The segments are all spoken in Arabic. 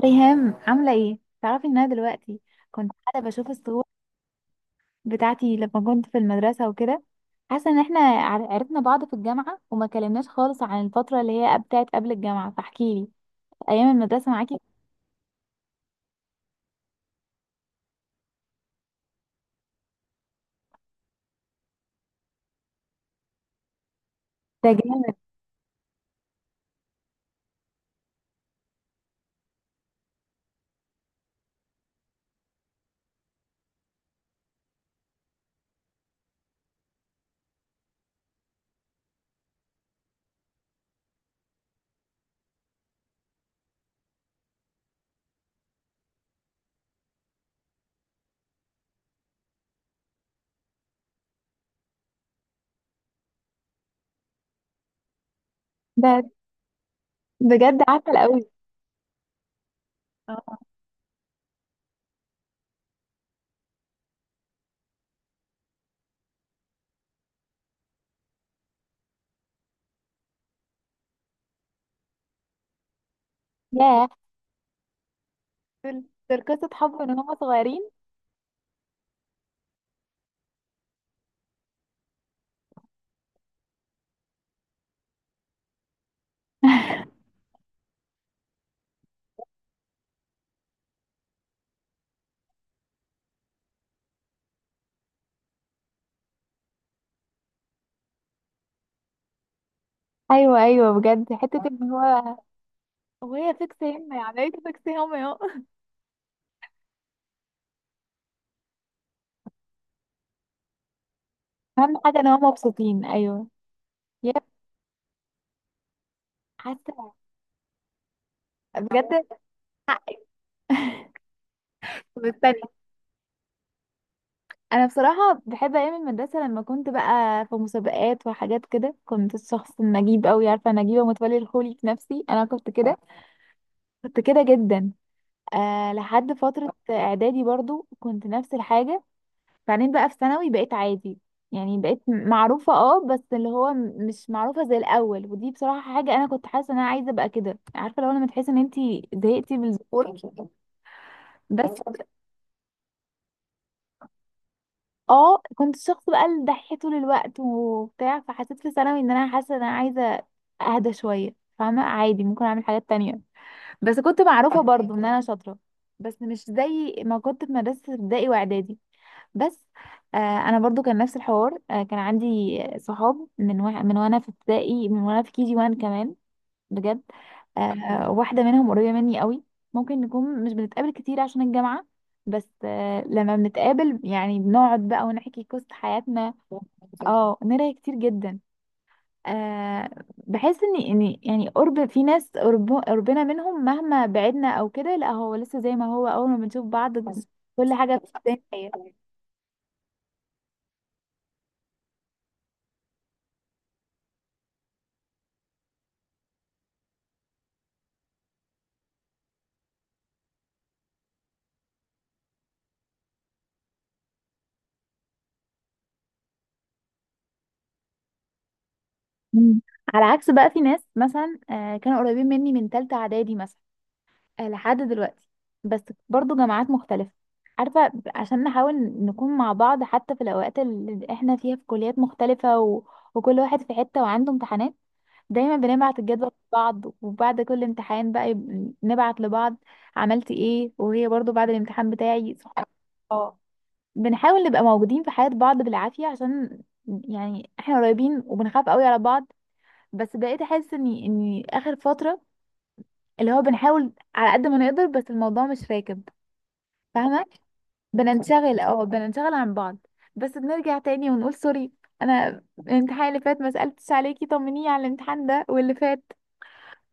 ريهام عاملة ايه؟ تعرفي ان انا دلوقتي كنت قاعدة بشوف الصور بتاعتي لما كنت في المدرسة وكده. حاسة ان احنا عرفنا بعض في الجامعة وما كلمناش خالص عن الفترة اللي هي بتاعت قبل الجامعة، فاحكيلي ايام المدرسة معاكي. ده جامد. ده بجد عسل قوي. اه. ياه. دول دول قصة حب من هما صغيرين. ايوه، ايوه، بجد حتة ان هو وهي فيكس هم. يعني ايه فيكس هم اهو؟ اهم حاجة ان هما مبسوطين، ايوه. ياه. حاسة. بجد. مستني. انا بصراحه بحب ايام المدرسه، لما كنت بقى في مسابقات وحاجات كده كنت الشخص النجيب قوي، عارفه نجيبه متولي الخولي؟ في نفسي انا كنت كده. كنت كده جدا. آه، لحد فتره اعدادي برضو كنت نفس الحاجه. بعدين بقى في ثانوي بقيت عادي. يعني بقيت معروفه، اه، بس اللي هو مش معروفه زي الاول. ودي بصراحه حاجه انا كنت حاسه ان انا عايزه ابقى كده، عارفه؟ لو لما تحسي ان انتي زهقتي من الذكور. بس اه، كنت الشخص بقى الدحيح طول الوقت وبتاع، فحسيت في ثانوي ان انا حاسه ان انا عايزه اهدى شويه، فاهمه؟ عادي، ممكن اعمل حاجات تانية. بس كنت معروفه برضو ان انا شاطره، بس مش زي ما كنت في مدرسه ابتدائي واعدادي. بس آه، انا برضو كان نفس الحوار. آه، كان عندي صحاب من وانا في ابتدائي، من وانا في كي جي 1 كمان. بجد. آه، واحدة منهم قريبة مني قوي. ممكن نكون مش بنتقابل كتير عشان الجامعة، بس آه، لما بنتقابل يعني بنقعد بقى ونحكي قصة حياتنا. اه، نرى كتير جدا. آه. بحس ان يعني قرب في ناس، قربنا منهم مهما بعدنا او كده، لا هو لسه زي ما هو اول ما بنشوف بعض كل حاجة بتبان. مم. على عكس بقى في ناس مثلا، آه، كانوا قريبين مني من تالتة اعدادي مثلا، آه، لحد دلوقتي، بس برضو جامعات مختلفة، عارفة؟ عشان نحاول نكون مع بعض حتى في الأوقات اللي احنا فيها في كليات مختلفة، و... وكل واحد في حتة وعنده امتحانات، دايما بنبعت الجدول لبعض وبعد كل امتحان بقى نبعت لبعض عملت ايه، وهي برضو بعد الامتحان بتاعي. سبحان. اه، بنحاول نبقى موجودين في حياة بعض بالعافية عشان، يعني احنا قريبين وبنخاف قوي على بعض. بس بقيت احس اني اخر فترة اللي هو بنحاول على قد ما نقدر، بس الموضوع مش راكب، فاهمة؟ بننشغل، اه، بننشغل عن بعض، بس بنرجع تاني ونقول سوري، انا الامتحان اللي فات ما سألتش عليكي، طمنيني على الامتحان ده واللي فات،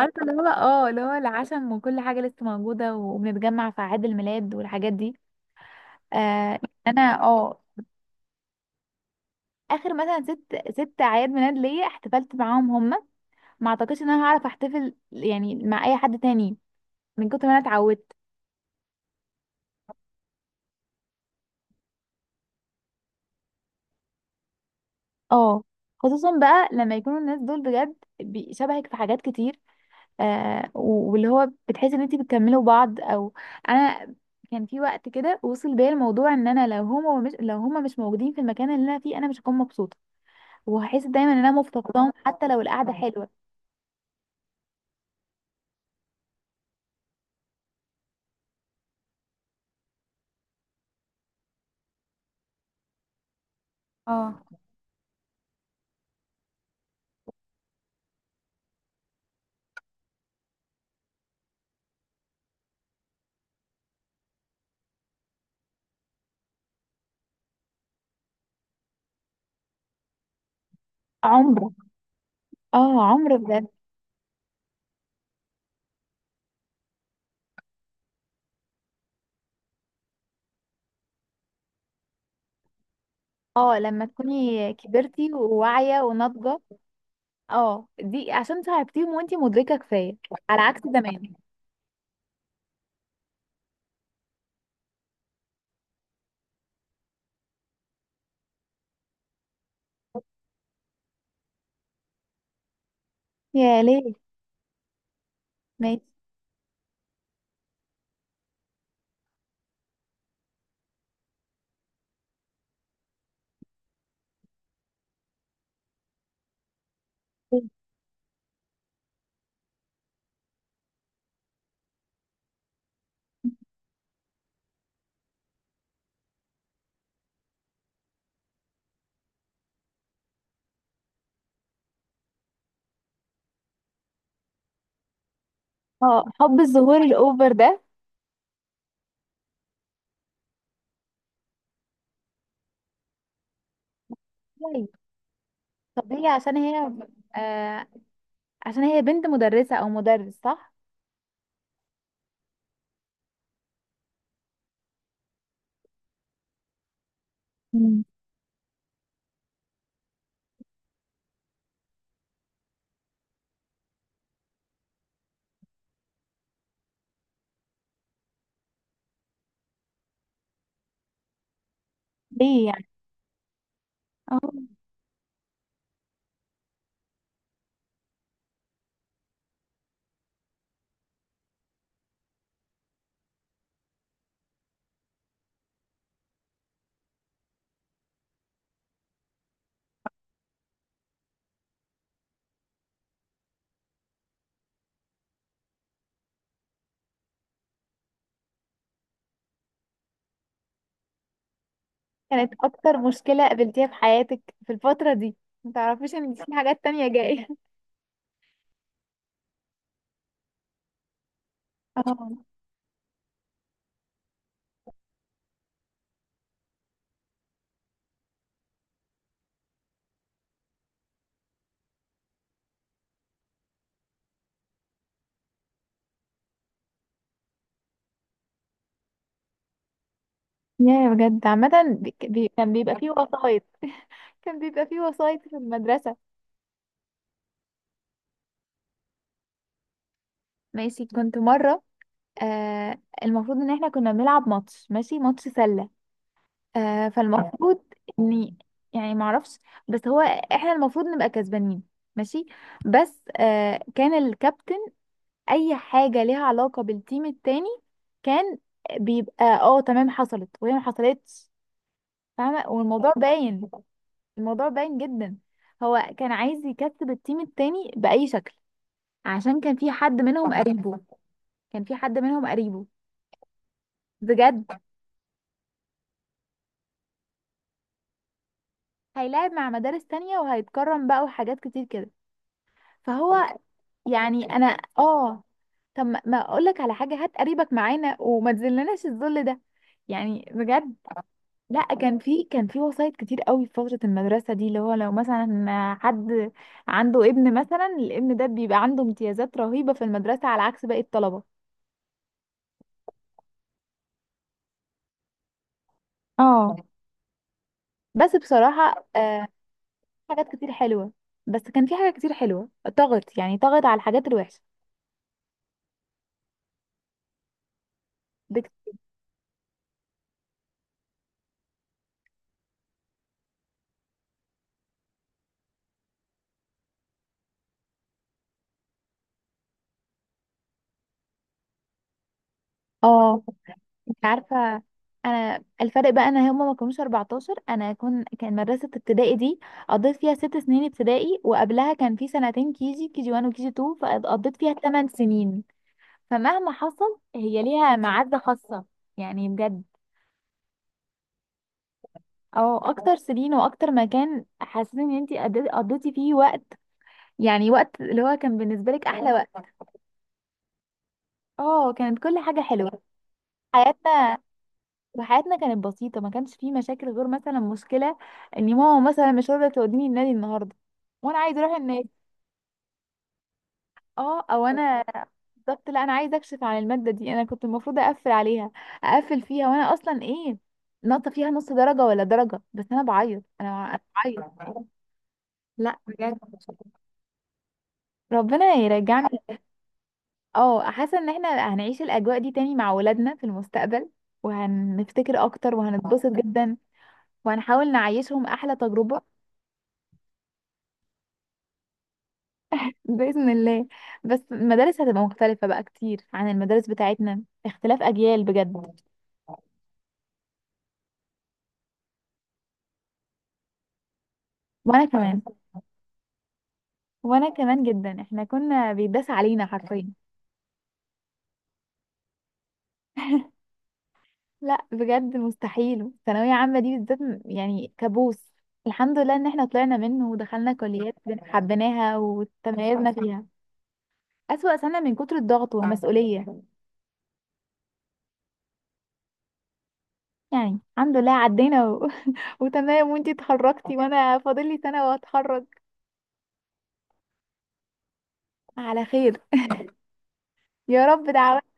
عارفة؟ اللي هو اه، اللي هو العشم وكل حاجة لسه موجودة، وبنتجمع في أعياد الميلاد والحاجات دي. آه. انا اه، اخر مثلا ست اعياد ميلاد ليا احتفلت معاهم هما، ما اعتقدش ان انا هعرف احتفل يعني مع اي حد تاني من كتر ما انا اتعودت. اه. خصوصا بقى لما يكونوا الناس دول بجد شبهك في حاجات كتير. آه، واللي هو بتحس ان انت بتكملوا بعض او. انا كان في وقت كده وصل بيا الموضوع ان انا لو هما مش موجودين في المكان اللي انا فيه، انا مش هكون مبسوطه وهحس دايما ان انا مفتقداهم حتى لو القعده حلوه. اه، عمر. اه، عمر بجد. اه، لما تكوني كبرتي وواعيه وناضجه. اه، دي عشان صاحبتيهم وانتي مدركه كفايه، على عكس زمان. يا ليه. ماشي. اه، حب الظهور الاوفر ده. طبيعي، طبيعي عشان هي. آه، عشان هي بنت مدرسة او مدرس، صح. مم. ليه يعني. اه، كانت اكتر مشكلة قابلتيها في حياتك في الفترة دي، ما تعرفيش ان في حاجات تانية جاية. اه. يا، بجد عامة كان بيبقى فيه وسايط. كان بيبقى فيه وسايط في المدرسة. ماشي، كنت مرة، آه، المفروض ان احنا كنا بنلعب ماتش، ماشي، ماتش سلة. آه، فالمفروض اني، يعني معرفش، بس هو احنا المفروض نبقى كسبانين، ماشي، بس آه كان الكابتن اي حاجه ليها علاقه بالتيم التاني كان بيبقى، اه، تمام حصلت وهي ما حصلتش، فاهمه؟ والموضوع باين، الموضوع باين جدا. هو كان عايز يكسب التيم التاني باي شكل عشان كان في حد منهم قريبه. كان في حد منهم قريبه، بجد. هيلاعب مع مدارس تانية وهيتكرم بقى وحاجات كتير كده. فهو، يعني انا اه، طب ما اقول لك على حاجه، هات قريبك معانا وما تذلناش الذل ده يعني، بجد. لا كان في وسايط كتير قوي في فترة المدرسة دي، اللي هو لو مثلا حد عنده ابن مثلا، الابن ده بيبقى عنده امتيازات رهيبة في المدرسة على عكس باقي الطلبة. اه. بس بصراحة، آه، حاجات كتير حلوة. بس كان في حاجات كتير حلوة طغت، يعني طغت على الحاجات الوحشة. بك- اه، عارفة، انا الفرق بقى انا هما ما كانوش 14، انا كان مدرسة ابتدائي دي قضيت فيها ست سنين ابتدائي، وقبلها كان في سنتين كيجي 1 وكيجي 2، فقضيت فيها 8 سنين، فمهما حصل هي ليها معزة خاصة يعني، بجد. او اكتر سنين واكتر مكان حاسين ان انتي قضيتي فيه وقت، يعني وقت اللي هو كان بالنسبة لك احلى وقت. اه، كانت كل حاجة حلوة. حياتنا، وحياتنا كانت بسيطة، ما كانش فيه مشاكل غير مثلا مشكلة ان ماما مثلا مش راضية توديني النادي النهاردة وانا عايزة اروح. اه، او انا، بالظبط، لا انا عايزه اكشف عن الماده دي، انا كنت المفروض اقفل عليها، اقفل فيها، وانا اصلا ايه، ناقصه فيها نص درجه ولا درجه، بس انا بعيط. لا بجد. ربنا يرجعنا. اه، حاسه ان احنا هنعيش الاجواء دي تاني مع ولادنا في المستقبل، وهنفتكر اكتر وهنتبسط جدا، وهنحاول نعيشهم احلى تجربه. باذن الله. بس المدارس هتبقى مختلفه بقى كتير عن المدارس بتاعتنا، اختلاف اجيال بجد. وانا كمان، وانا كمان جدا، احنا كنا بيداس علينا حرفيا. لا بجد مستحيل، ثانويه عامه دي بالذات م-، يعني كابوس. الحمد لله ان احنا طلعنا منه ودخلنا كليات حبيناها وتميزنا فيها. اسوأ سنه من كتر الضغط والمسؤوليه. يعني الحمد لله عدينا. و... وتمام، وانتي اتخرجتي وانا فاضل لي سنه واتخرج على خير. يا رب دعوة.